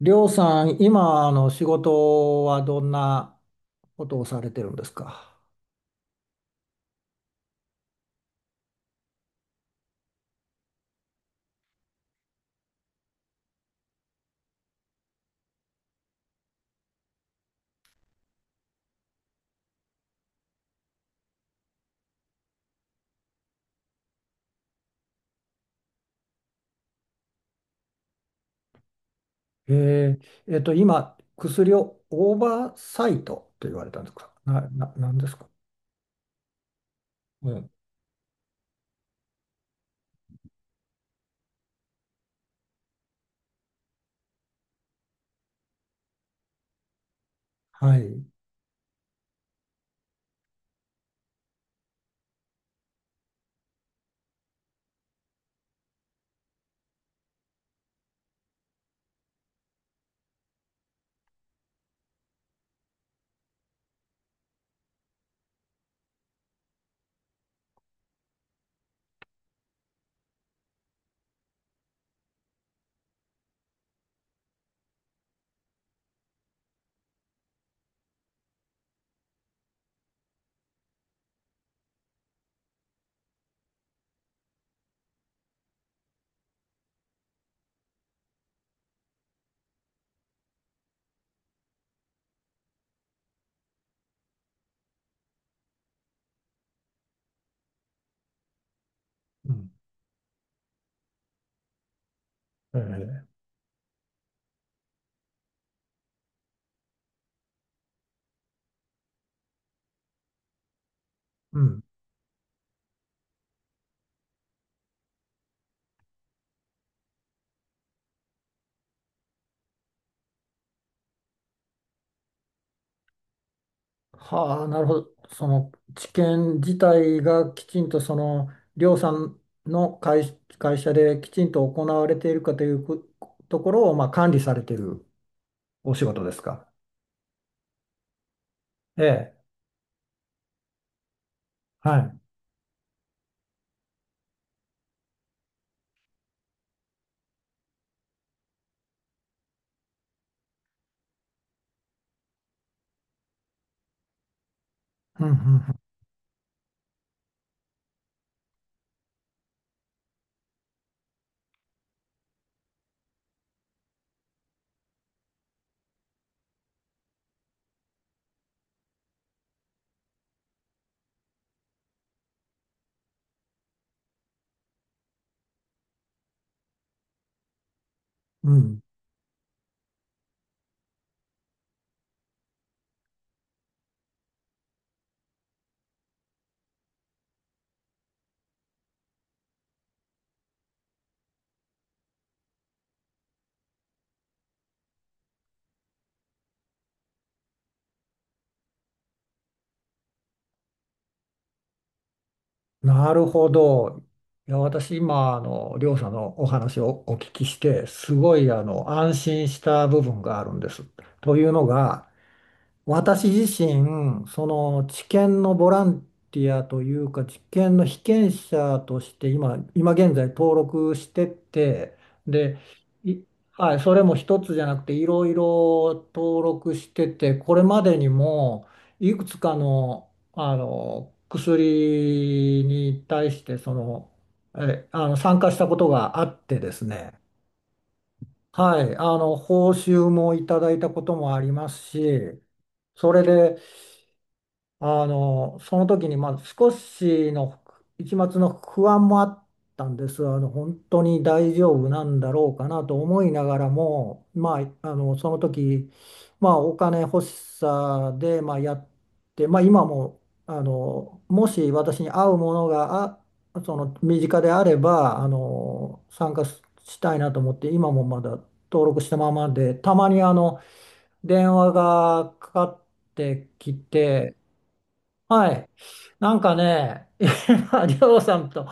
りょうさん、今、仕事はどんなことをされてるんですか？え今、薬をオーバーサイトと言われたんですか？なんですか？うん。はい。うん。えー、うん。はあ、なるほど。その、治験自体がきちんと、その、りょうさんの会社できちんと行われているかということころを、まあ、管理されているお仕事ですか？ええ。はい。うん、うん、うん。うん、なるほど。いや、私今、りょうさんのお話をお聞きして、すごい、安心した部分があるんです。というのが、私自身、その治験のボランティアというか、治験の被験者として今現在登録してて、で、いはい、それも一つじゃなくて、いろいろ登録してて、これまでにも、いくつかの、あの薬に対して、その、え、あの参加したことがあってですね、はい、報酬もいただいたこともありますし、それで、その時に、まあ、少しの一抹の不安もあったんです。本当に大丈夫なんだろうかなと思いながらも、まあ、その時、まあ、お金欲しさで、まあ、やって、まあ、今も、もし私に合うものが、身近であれば、参加したいなと思って、今もまだ登録したままで、たまに、電話がかかってきて、はい。なんかね、今、りょうさんと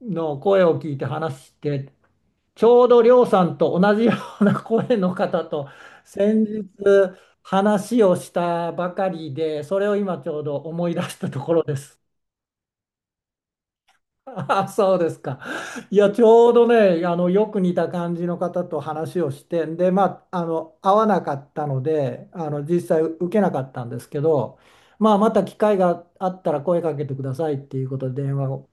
の声を聞いて話して、ちょうどりょうさんと同じような声の方と先日話をしたばかりで、それを今ちょうど思い出したところです。あ、そうですか。いや、ちょうどね、よく似た感じの方と話をして、で、まあ、会わなかったので、実際受けなかったんですけど、まあ、また機会があったら声かけてくださいっていうことで電話を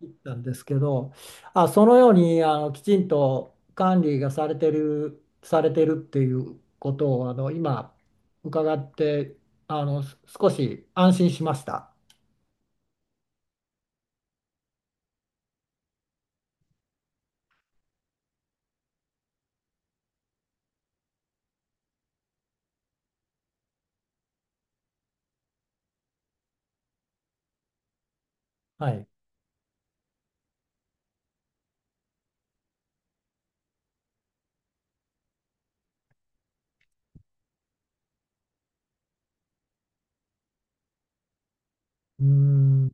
切ったんですけど、あ、そのように、きちんと管理がされてるっていうことを、今、伺って、少し安心しました。はい。うーん。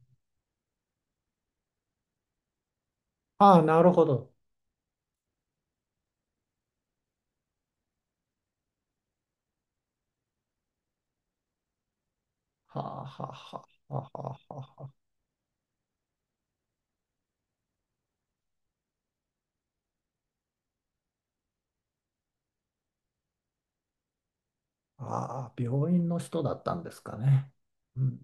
ああ、なるほど。はあはあはあはあはあはあ。ああ、病院の人だったんですかね。うん、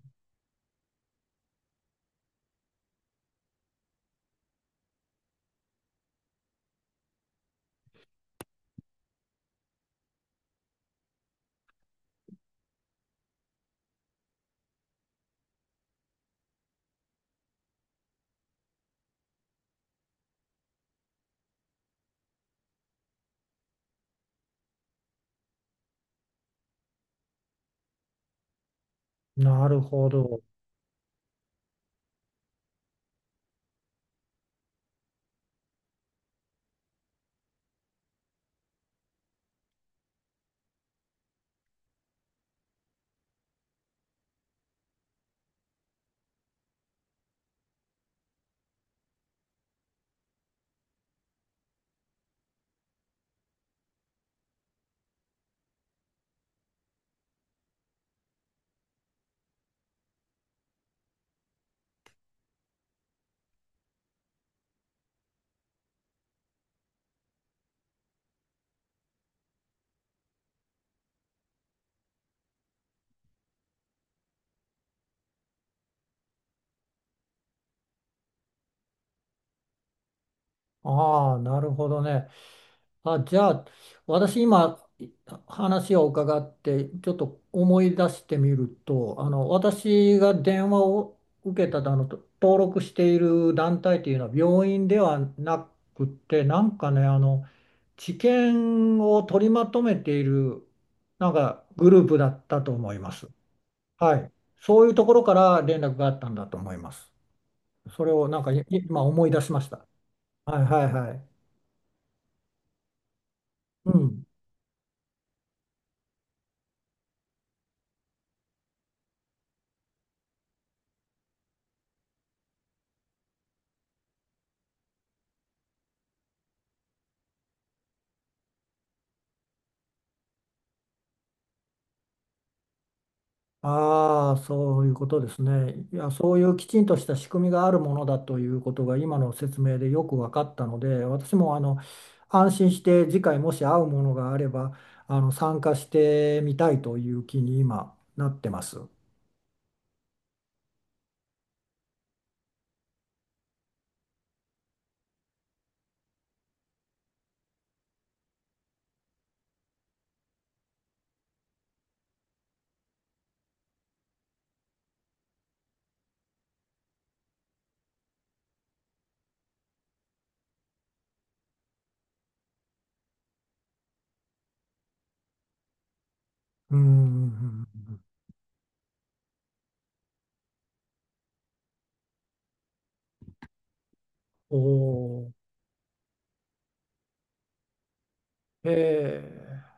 なるほど。ああ、なるほどね。あ、じゃあ、私、今、話を伺って、ちょっと思い出してみると、私が電話を受けた登録している団体というのは病院ではなくて、なんかね、治験を取りまとめている、なんかグループだったと思います。はい。そういうところから連絡があったんだと思います。それをなんか今思い出しました。はいはいはい。うん。ああ、そういうことですね。いや、そういうきちんとした仕組みがあるものだということが今の説明でよく分かったので、私も安心して次回もし会うものがあれば、参加してみたいという気に今なってます。うんうんうんうん。おお。へえ。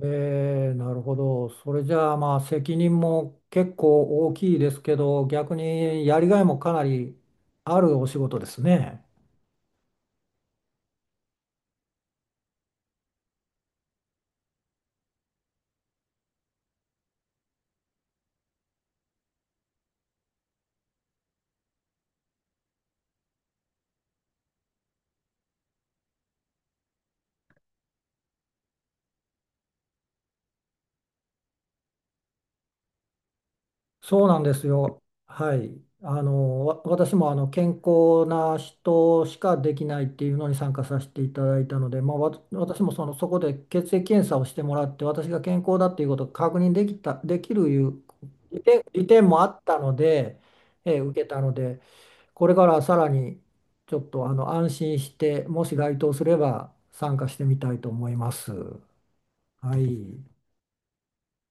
えー、なるほど。それじゃあまあ責任も結構大きいですけど、逆にやりがいもかなりあるお仕事ですね。そうなんですよ。はい。私も健康な人しかできないっていうのに参加させていただいたので、まあ、私もその、そこで血液検査をしてもらって、私が健康だっていうことを確認できるいう利点もあったので、受けたので、これからさらにちょっと安心して、もし該当すれば参加してみたいと思います。はい。